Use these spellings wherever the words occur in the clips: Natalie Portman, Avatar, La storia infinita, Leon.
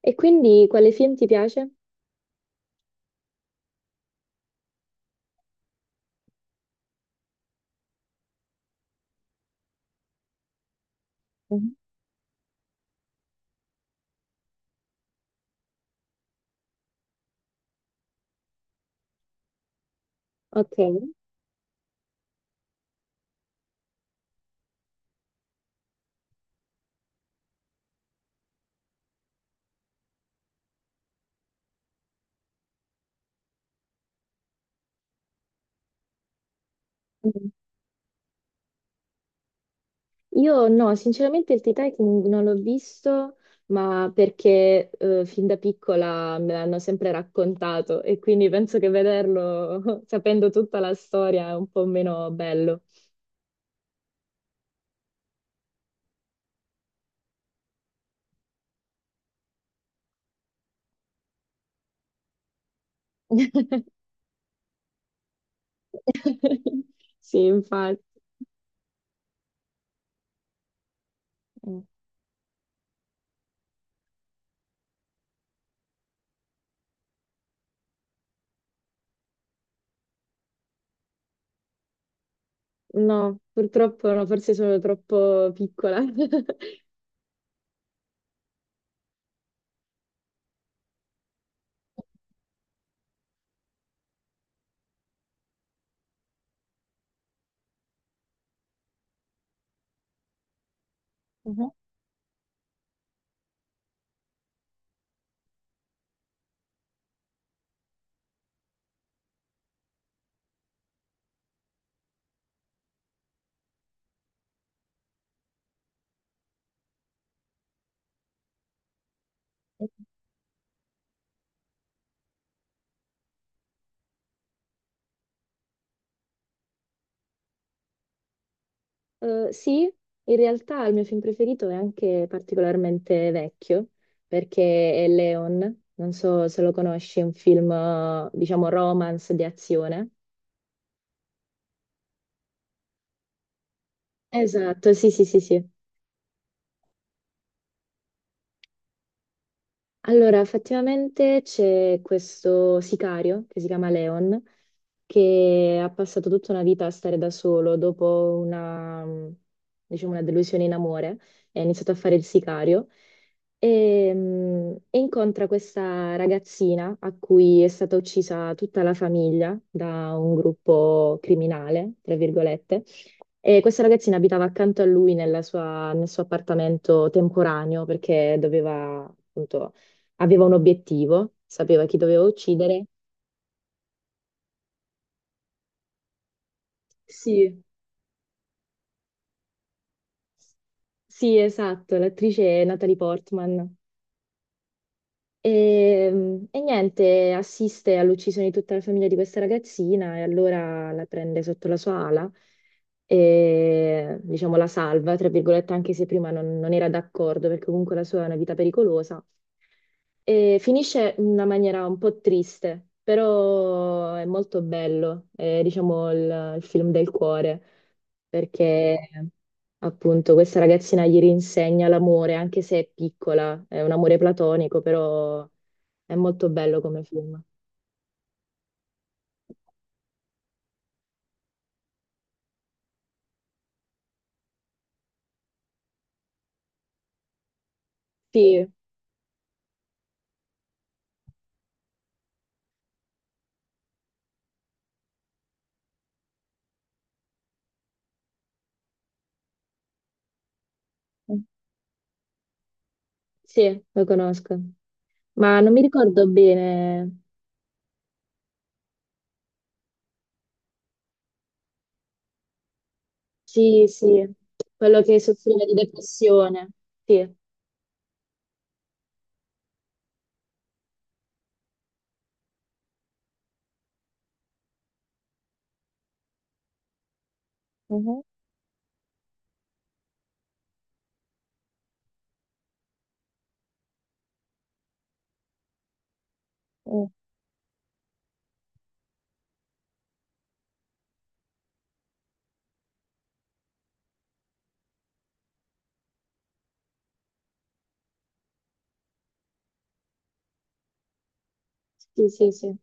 E quindi quale film ti piace? Mhm. Ok. Mm. Io no, sinceramente il Titanic non l'ho visto, ma perché fin da piccola me l'hanno sempre raccontato e quindi penso che vederlo sapendo tutta la storia è un po' meno bello. Sì, infatti. Mm. No, purtroppo no, forse sono troppo piccola. Mhm. Sì, in realtà il mio film preferito è anche particolarmente vecchio, perché è Leon, non so se lo conosci, è un film, diciamo, romance di azione. Esatto, sì, sì, sì, sì. Allora, effettivamente c'è questo sicario che si chiama Leon, che ha passato tutta una vita a stare da solo dopo una, mm, diciamo, una delusione in amore, e ha iniziato a fare il sicario e, mm, e incontra questa ragazzina a cui è stata uccisa tutta la famiglia da un gruppo criminale, tra virgolette. E questa ragazzina abitava accanto a lui nel suo appartamento temporaneo perché doveva appunto aveva un obiettivo, sapeva chi doveva uccidere. Sì. Sì, esatto, l'attrice è Natalie Portman. E niente, assiste all'uccisione di tutta la famiglia di questa ragazzina e allora la prende sotto la sua ala e diciamo la salva, tra virgolette, anche se prima non era d'accordo perché comunque la sua è una vita pericolosa. E finisce in una maniera un po' triste, però è molto bello, è diciamo il film del cuore, perché appunto questa ragazzina gli rinsegna l'amore, anche se è piccola, è un amore platonico, però è molto bello come film. Sì, sì, lo conosco, ma non mi ricordo bene. Sì, sì, quello che soffriva di depressione. Sì. Mhm. Mm. Sì, sì, sì,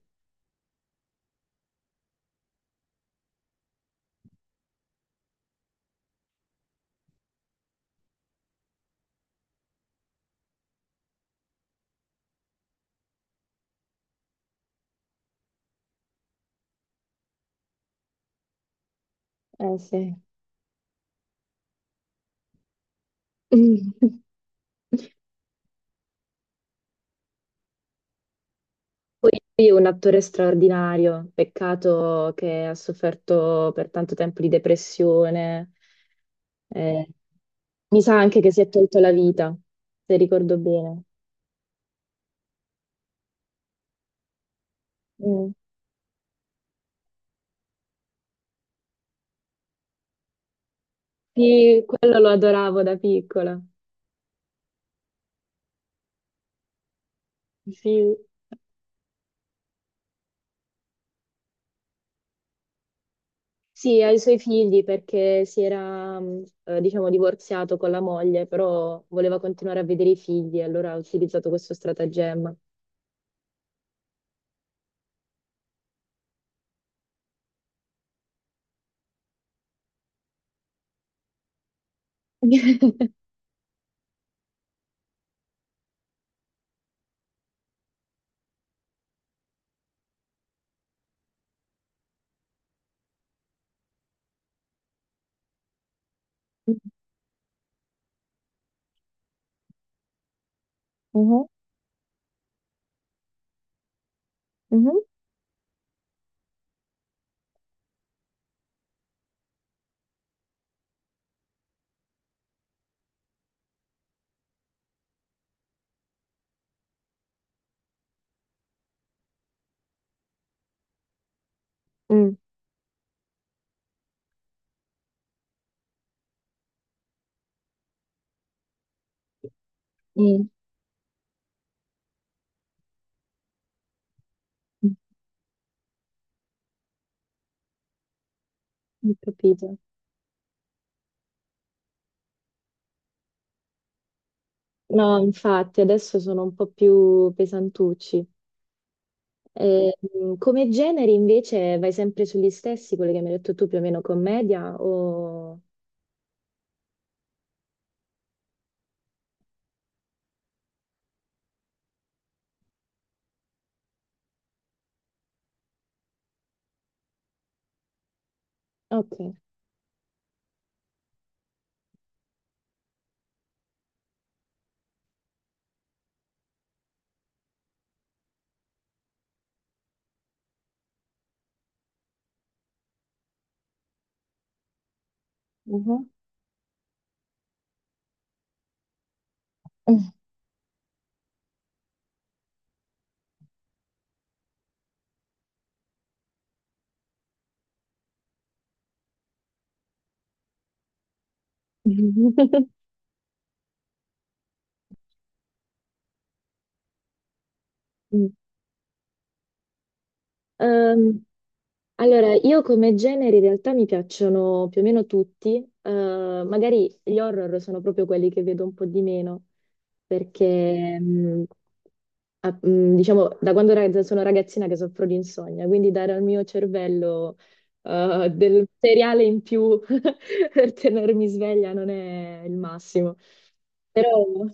eh sì. Poi è un attore straordinario, peccato che ha sofferto per tanto tempo di depressione. eh, mi sa anche che si è tolto la vita, se ricordo bene. Mm. Sì, quello lo adoravo da piccola. Sì. Sì, ai suoi figli perché si era, diciamo, divorziato con la moglie, però voleva continuare a vedere i figli e allora ha utilizzato questo stratagemma. Mhm. Mhm. Mm. Mm. Ho capito. No, infatti adesso sono un po' più pesantucci. E, come generi invece vai sempre sugli stessi, quelli che mi hai detto tu, più o meno commedia o... Ok. Mhm. Mm. Ehm, allora, io come generi in realtà mi piacciono più o meno tutti. Eh, magari gli horror sono proprio quelli che vedo un po' di meno, perché diciamo, da quando sono ragazzina che soffro di insonnia, quindi dare al mio cervello del materiale in più per tenermi sveglia non è il massimo. Però,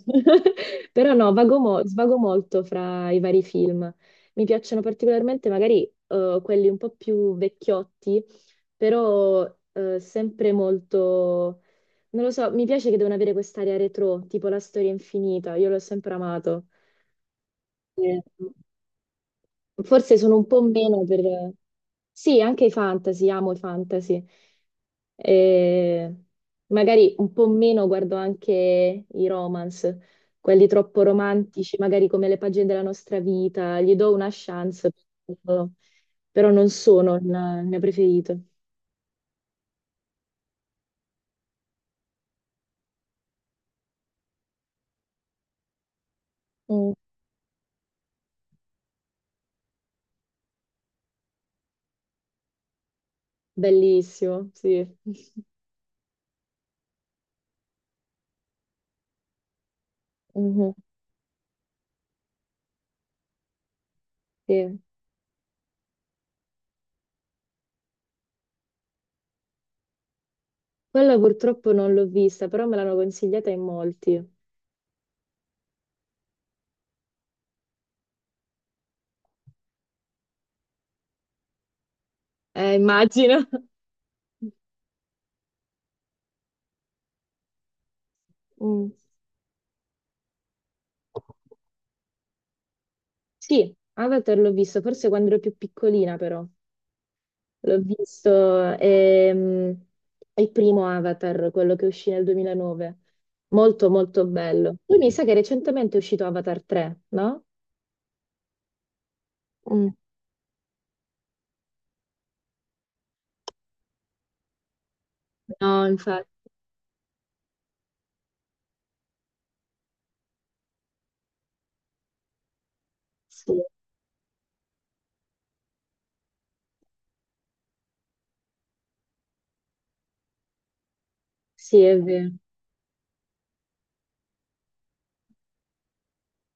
però no, svago molto fra i vari film. Mi piacciono particolarmente magari quelli un po' più vecchiotti, però sempre molto... Non lo so, mi piace che devono avere quest'area retro, tipo La storia infinita, io l'ho sempre amato. Eh, Forse sono un po' meno per... Sì, anche i fantasy, amo i fantasy. E magari un po' meno guardo anche i romance, quelli troppo romantici, magari come le pagine della nostra vita. Gli do una chance, però però non sono il mio preferito. Mm, bellissimo, sì. Mhm, sì. Quella purtroppo non l'ho vista, però me l'hanno consigliata in molti. Immagino. Mm. Sì, Avatar l'ho visto, forse quando ero più piccolina però. L'ho visto, ehm, il primo Avatar, quello che uscì nel 2009. Molto, molto bello. Poi mi sa che recentemente è uscito Avatar 3, no? Mm. No, infatti, sì, sì, è vero.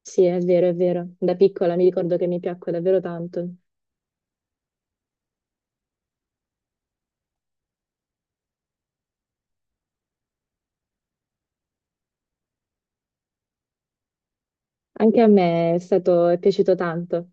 Sì, è vero, è vero. Da piccola mi ricordo che mi piacque davvero tanto. Anche a me è stato, è piaciuto tanto.